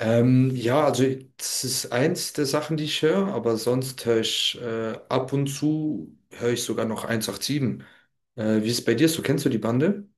Ja, also das ist eins der Sachen, die ich höre, aber sonst höre ich ab und zu höre ich sogar noch 187. Wie ist es bei dir so? Kennst du die Bande?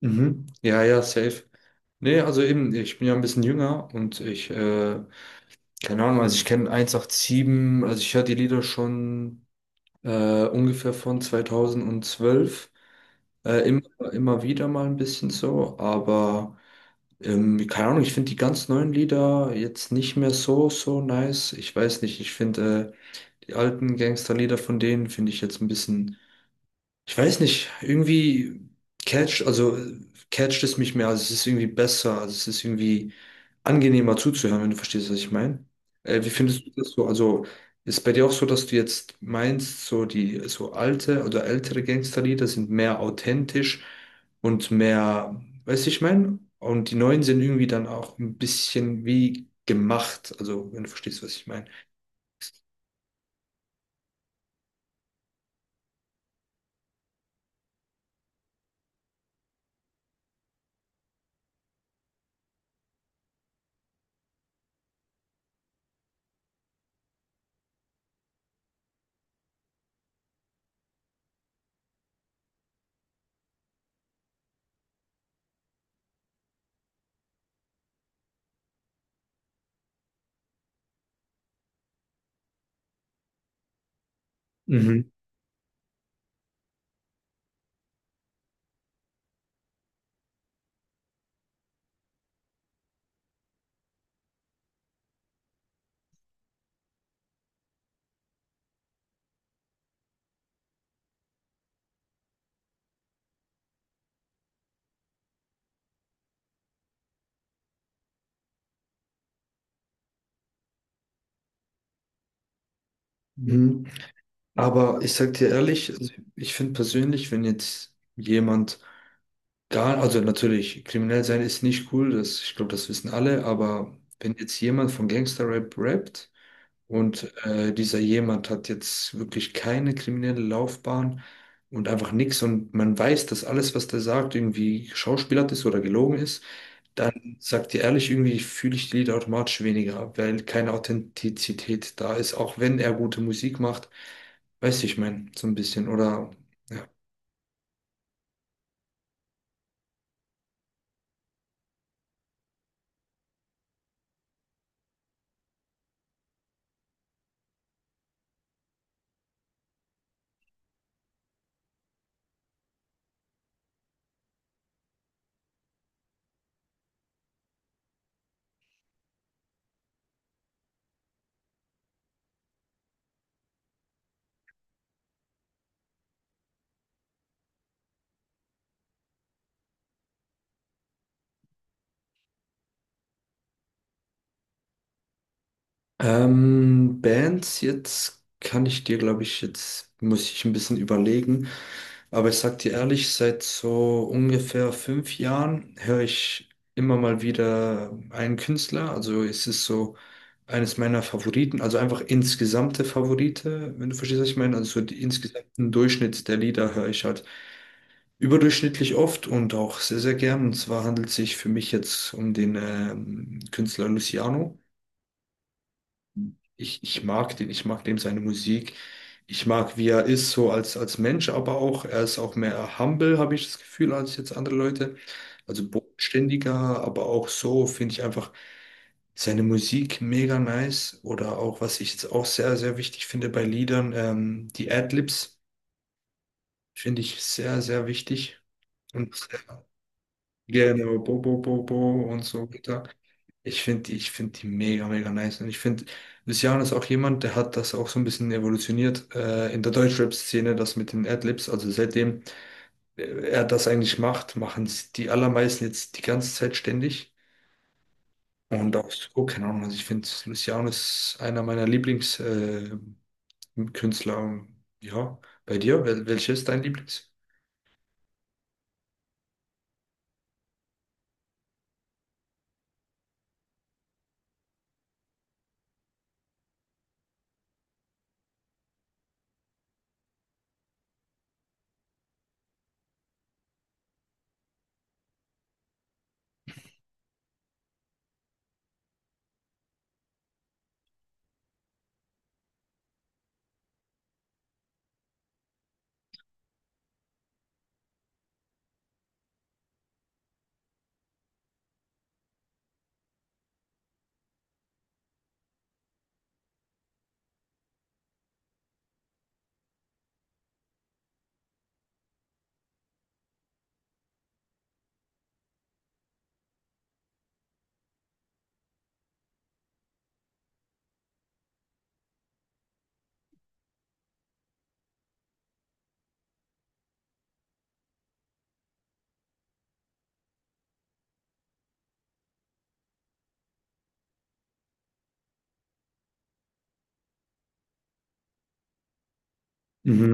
Mhm. Ja, ja, safe. Nee, also eben, ich bin ja ein bisschen jünger und keine Ahnung, also ich kenne 187, also ich höre die Lieder schon ungefähr von 2012. Äh, immer, Immer wieder mal ein bisschen so, aber keine Ahnung, ich finde die ganz neuen Lieder jetzt nicht mehr so, so nice. Ich weiß nicht, ich finde die alten Gangsterlieder von denen finde ich jetzt ein bisschen. Ich weiß nicht, irgendwie catcht, also äh, catcht es mich mehr, also es ist irgendwie besser, also es ist irgendwie angenehmer zuzuhören, wenn du verstehst, was ich meine. Wie findest du das so? Also ist bei dir auch so, dass du jetzt meinst, so die so alte oder ältere Gangsterlieder sind mehr authentisch und mehr, weißt du, ich meine? Und die neuen sind irgendwie dann auch ein bisschen wie gemacht, also wenn du verstehst, was ich meine. Mhm. Mhm. Aber ich sag dir ehrlich, also ich finde persönlich, wenn jetzt jemand gar, also natürlich, kriminell sein ist nicht cool, das, ich glaube, das wissen alle, aber wenn jetzt jemand von Gangster-Rap rappt und dieser jemand hat jetzt wirklich keine kriminelle Laufbahn und einfach nichts und man weiß, dass alles, was der sagt, irgendwie geschauspielert ist oder gelogen ist, dann sagt dir ehrlich, irgendwie fühle ich die Lieder automatisch weniger, weil keine Authentizität da ist, auch wenn er gute Musik macht. Weißt du, ich meine, so ein bisschen, oder? Ja. Bands, jetzt kann ich dir, glaube ich, jetzt muss ich ein bisschen überlegen. Aber ich sag dir ehrlich, seit so ungefähr 5 Jahren höre ich immer mal wieder einen Künstler. Also es ist so eines meiner Favoriten, also einfach insgesamte Favorite, wenn du verstehst, was ich meine. Also so die insgesamten Durchschnitt der Lieder höre ich halt. Überdurchschnittlich oft und auch sehr, sehr gern. Und zwar handelt es sich für mich jetzt um den Künstler Luciano. Ich mag den, ich mag dem seine Musik. Ich mag, wie er ist, so als Mensch, aber auch, er ist auch mehr humble, habe ich das Gefühl, als jetzt andere Leute. Also bodenständiger, aber auch so finde ich einfach seine Musik mega nice. Oder auch, was ich jetzt auch sehr, sehr wichtig finde bei Liedern, die Adlibs finde ich sehr, sehr wichtig. Und genau, bo bo Bo, Bo und so weiter. Ich finde die mega, mega nice. Und ich finde, Luciano ist auch jemand, der hat das auch so ein bisschen evolutioniert in der Deutschrap-Szene, das mit den Adlibs. Also seitdem er das eigentlich macht, machen es die allermeisten jetzt die ganze Zeit ständig. Und auch so, keine Ahnung, also ich finde, Luciano ist einer meiner Lieblingskünstler. Künstler. Ja, bei dir, welches ist dein Lieblings? Mhm.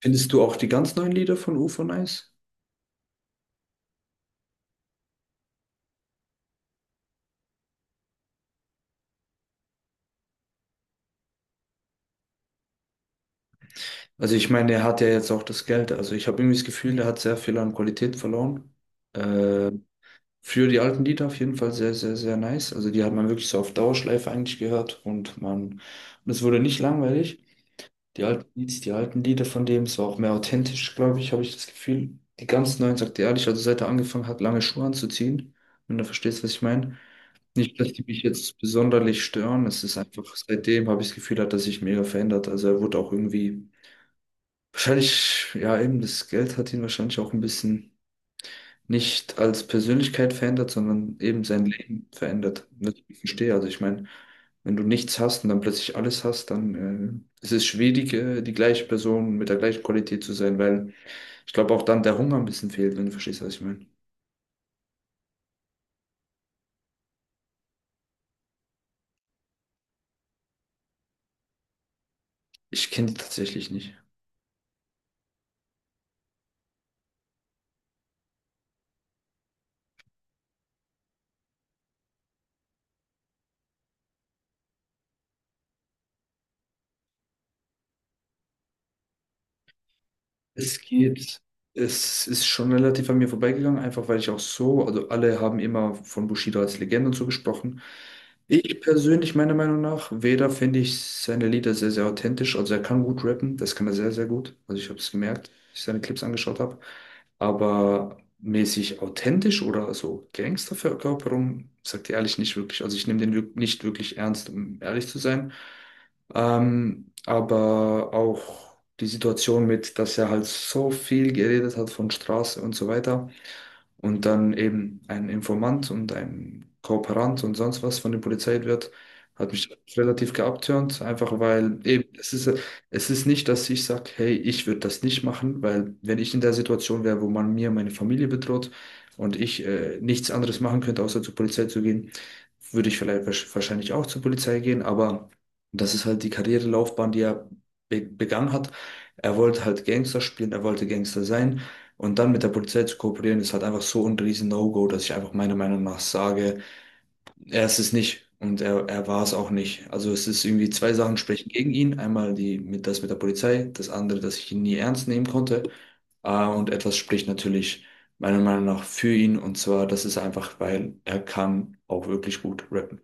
Findest du auch die ganz neuen Lieder von UFO nice? Also ich meine, er hat ja jetzt auch das Geld. Also ich habe irgendwie das Gefühl, der hat sehr viel an Qualität verloren. Äh, früher die alten Lieder auf jeden Fall sehr, sehr, sehr nice. Also die hat man wirklich so auf Dauerschleife eigentlich gehört und man, und es wurde nicht langweilig. Die alten Lieds, die alten Lieder von dem, es war auch mehr authentisch, glaube ich, habe ich das Gefühl. Die ganz neuen, sagt er ehrlich, also seit er angefangen hat, lange Schuhe anzuziehen, wenn du verstehst, was ich meine. Nicht, dass die mich jetzt besonderlich stören, es ist einfach, seitdem habe ich das Gefühl, hat er sich mega verändert. Also er wurde auch irgendwie wahrscheinlich, ja, eben das Geld hat ihn wahrscheinlich auch ein bisschen nicht als Persönlichkeit verändert, sondern eben sein Leben verändert. Das ich verstehe, also ich meine, wenn du nichts hast und dann plötzlich alles hast, dann ist es schwierig, die gleiche Person mit der gleichen Qualität zu sein, weil ich glaube auch dann der Hunger ein bisschen fehlt, wenn du verstehst, was ich meine. Ich kenne die tatsächlich nicht. Es geht, es ist schon relativ an mir vorbeigegangen, einfach weil ich auch so, also alle haben immer von Bushido als Legende und so gesprochen. Ich persönlich, meiner Meinung nach, weder finde ich seine Lieder sehr, sehr authentisch. Also er kann gut rappen, das kann er sehr, sehr gut. Also ich habe es gemerkt, als ich seine Clips angeschaut habe. Aber mäßig authentisch oder so Gangsterverkörperung, sagt er ehrlich nicht wirklich. Also ich nehme den nicht wirklich ernst, um ehrlich zu sein. Aber auch die Situation mit, dass er halt so viel geredet hat von Straße und so weiter und dann eben ein Informant und ein Kooperant und sonst was von der Polizei wird, hat mich relativ geabturnt, einfach weil eben, es ist nicht, dass ich sage, hey, ich würde das nicht machen, weil wenn ich in der Situation wäre, wo man mir meine Familie bedroht und ich nichts anderes machen könnte, außer zur Polizei zu gehen, würde ich vielleicht wahrscheinlich auch zur Polizei gehen, aber das ist halt die Karrierelaufbahn, die er be begangen hat. Er wollte halt Gangster spielen, er wollte Gangster sein. Und dann mit der Polizei zu kooperieren, ist halt einfach so ein riesen No-Go, dass ich einfach meiner Meinung nach sage, er ist es nicht und er war es auch nicht. Also es ist irgendwie zwei Sachen sprechen gegen ihn. Einmal die, mit, das mit der Polizei, das andere, dass ich ihn nie ernst nehmen konnte. Und etwas spricht natürlich meiner Meinung nach für ihn. Und zwar, das ist einfach, weil er kann auch wirklich gut rappen.